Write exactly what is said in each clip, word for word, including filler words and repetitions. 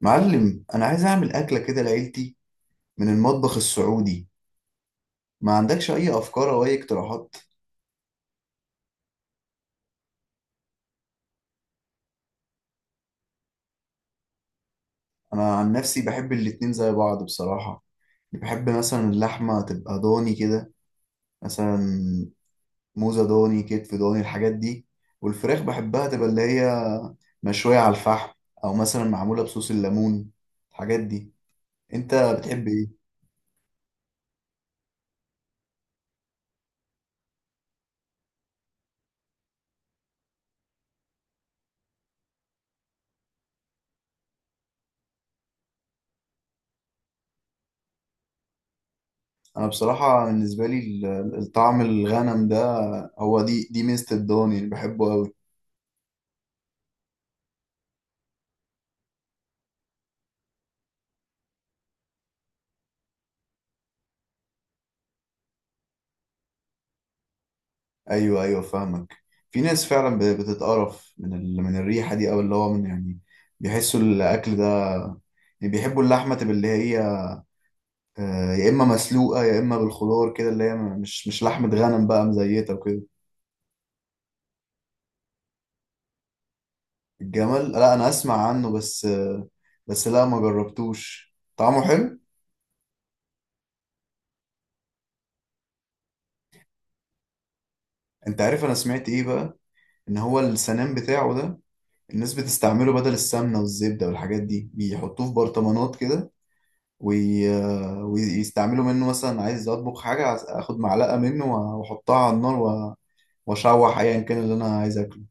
معلم، انا عايز اعمل اكله كده لعيلتي من المطبخ السعودي. ما عندكش اي افكار او اي اقتراحات؟ انا عن نفسي بحب الاتنين زي بعض بصراحه. بحب مثلا اللحمه تبقى ضاني كده، مثلا موزه ضاني، كتف ضاني، الحاجات دي. والفراخ بحبها تبقى اللي هي مشويه على الفحم، او مثلا معموله بصوص الليمون، الحاجات دي. انت بتحب ايه؟ انا بصراحه بالنسبه لي ال- الطعم الغنم ده، هو دي دي ميزه الضاني اللي بحبه قوي. ايوه، ايوه، فاهمك. في ناس فعلا ب- بتتقرف من ال... من الريحه دي، او اللي هو من يعني بيحسوا الاكل ده. يعني بيحبوا اللحمه تبقى اللي هي آه، يا اما مسلوقه يا اما بالخضار كده، اللي هي م- مش مش لحمه غنم بقى مزيته وكده. الجمل، لا انا اسمع عنه بس آه، بس لا ما جربتوش. طعمه حلو. انت عارف انا سمعت ايه بقى؟ ان هو السنان بتاعه ده، الناس بتستعمله بدل السمنه والزبده والحاجات دي، بيحطوه في برطمانات كده. وي... ويستعملوا منه، مثلا عايز اطبخ حاجه، عايز اخد معلقه منه واحطها على النار و- واشوح ايا كان اللي انا عايز اكله.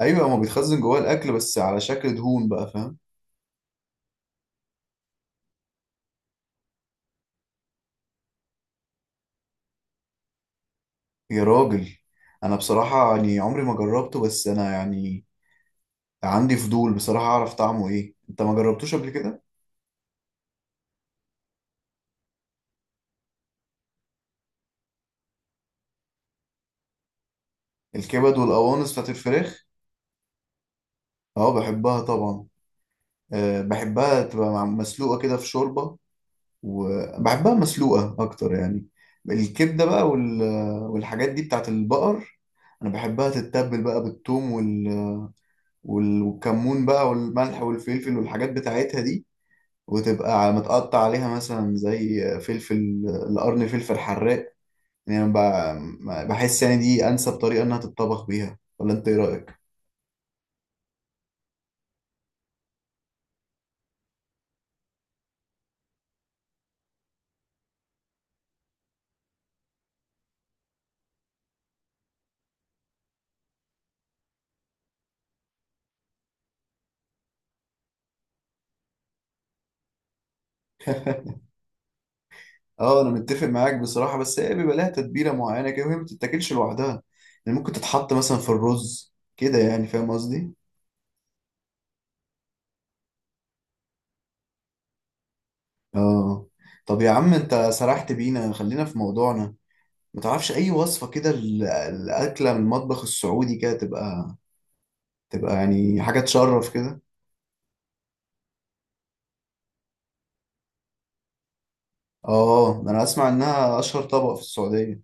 ايوه، هو بيتخزن جواه الاكل بس على شكل دهون بقى، فاهم. يا راجل، انا بصراحه يعني عمري ما جربته. بس انا يعني عندي فضول بصراحه، اعرف طعمه ايه. انت ما جربتوش قبل كده؟ الكبد والقوانص بتاعت الفراخ. اه، بحبها طبعا. أه بحبها تبقى مع- مسلوقه كده في شوربه، وبحبها مسلوقة أكتر يعني. الكبدة بقى وال... والحاجات دي بتاعت البقر. أنا بحبها تتبل بقى بالثوم وال... وال... والكمون بقى والملح والفلفل والحاجات بتاعتها دي، وتبقى متقطع عليها مثلا زي فلفل القرن، فلفل حراق. يعني أنا ب... بحس يعني دي أنسب طريقة إنها تتطبخ بيها، ولا أنت إيه رأيك؟ اه، انا متفق معاك بصراحه، بس هي بيبقى لها تتبيله معينه كده، وهي ما بتتاكلش لوحدها. يعني ممكن تتحط مثلا في الرز كده، يعني فاهم قصدي. اه. طب يا عم انت سرحت بينا، خلينا في موضوعنا. ما تعرفش اي وصفة كده ال- الاكلة من المطبخ السعودي، كده تبقى تبقى يعني حاجة تشرف كده. اه، انا اسمع انها اشهر طبق في السعودية.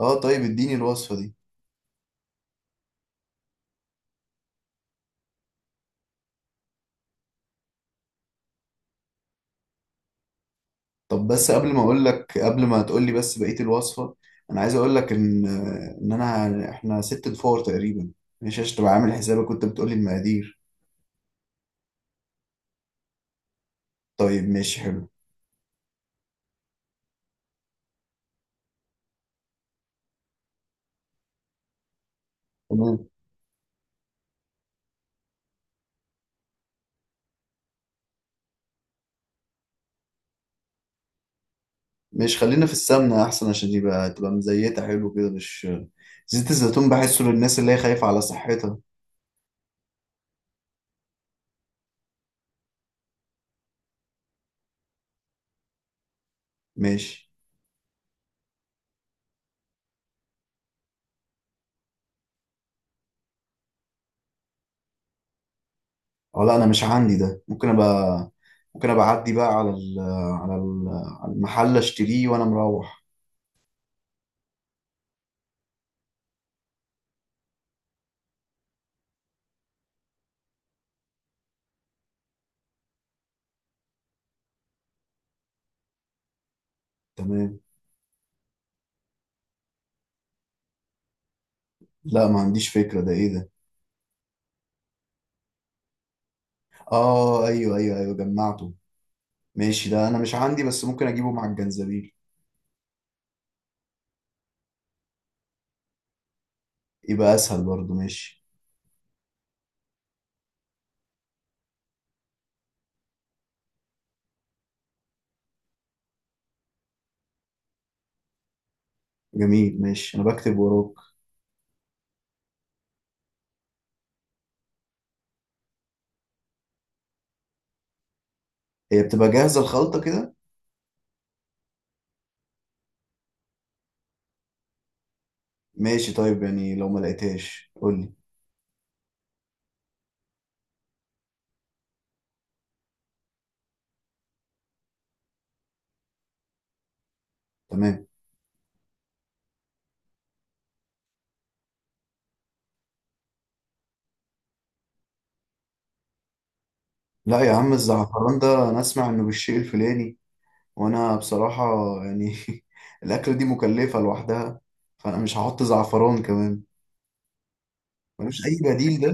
اه، طيب اديني الوصفة دي. طب بس قبل ما اقول لك، قبل ما تقول لي بس بقية الوصفة، انا عايز اقول لك ان ان انا احنا ست فور تقريبا. ماشي عشان تبقى عامل حسابك، كنت بتقول لي المقادير. طيب ماشي حلو. مش، خلينا في السمنة أحسن، عشان يبقى تبقى مزيتة حلو كده. مش زيت الزيتون، بحسه للناس اللي هي خايفة على صحتها. ماشي. أو لا أنا مش عندي ده، ممكن أبقى ممكن أبقى أعدي بقى على ال... على ال... على المحل أشتريه وأنا مروح. تمام. لا، ما عنديش فكرة، ده إيه ده؟ آه، أيوه، أيوه، أيوه، جمعته. ماشي، ده أنا مش عندي، بس ممكن أجيبه مع الجنزبيل. يبقى أسهل برضه. ماشي. جميل، ماشي، أنا بكتب وراك. هي بتبقى جاهزة الخلطة كده؟ ماشي طيب، يعني لو ما لقيتهاش قول لي. تمام. لا يا عم، الزعفران ده انا اسمع انه بالشيء الفلاني، وانا بصراحة يعني الاكلة دي مكلفة لوحدها، فانا مش هحط زعفران كمان. ملوش اي بديل ده؟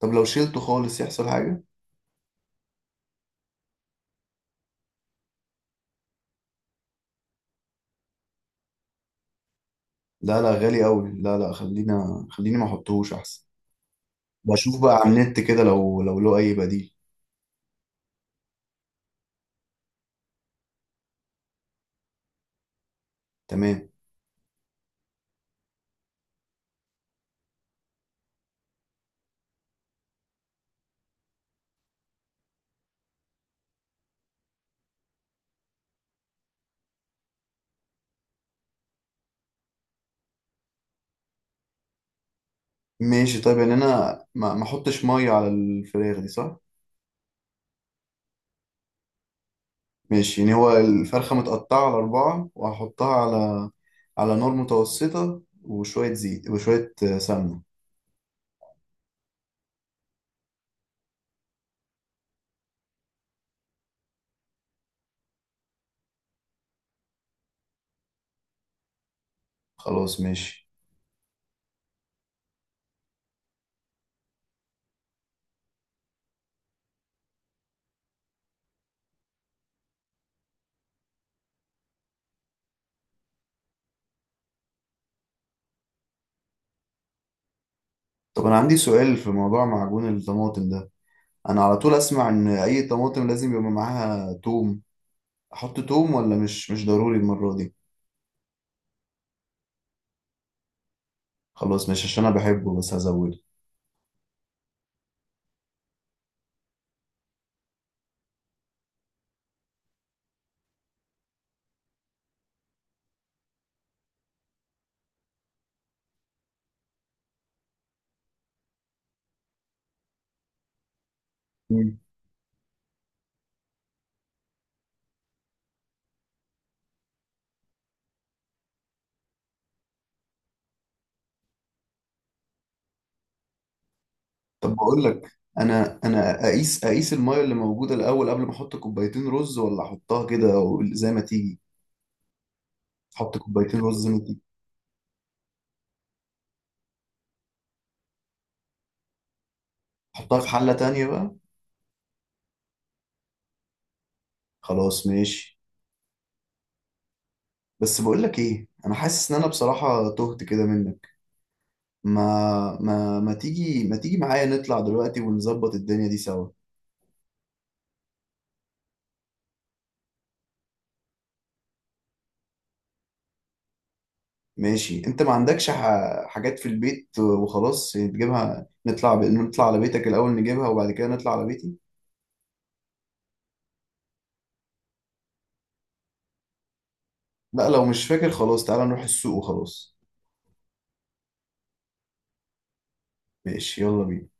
طب لو شيلته خالص يحصل حاجة؟ لا، لا، غالي قوي، لا، لا، خلينا، خليني ما احطهوش احسن. بشوف بقى على النت كده، لو لو له اي بديل. تمام ماشي طيب، يعني انا ما ما احطش مية على الفراخ دي، صح؟ ماشي. يعني هو الفرخة متقطعة على أربعة، وهحطها على على نار متوسطة، وشوية زيت وشوية آه، سمنة. خلاص ماشي. طب أنا عندي سؤال في موضوع معجون الطماطم ده. أنا على طول أسمع إن أي طماطم لازم يبقى معاها توم، أحط توم ولا مش مش ضروري المرة دي؟ خلاص، مش عشان أنا بحبه، بس هزوده. مم. طب بقول لك، أنا أنا أقيس أقيس المية اللي موجودة الأول قبل ما أحط كوبايتين رز، ولا أحطها كده زي ما تيجي؟ أحط كوبايتين رز، احطها في حلة تانية بقى. خلاص ماشي. بس بقول لك ايه، انا حاسس ان انا بصراحة تهت كده منك. ما ما ما تيجي ما تيجي معايا نطلع دلوقتي ونظبط الدنيا دي سوا. ماشي. انت ما عندكش ح... حاجات في البيت وخلاص يعني تجيبها، نطلع ب... نطلع على بيتك الاول نجيبها، وبعد كده نطلع على بيتي. لا، لو مش فاكر خلاص تعالى نروح السوق وخلاص. ماشي يلا بينا.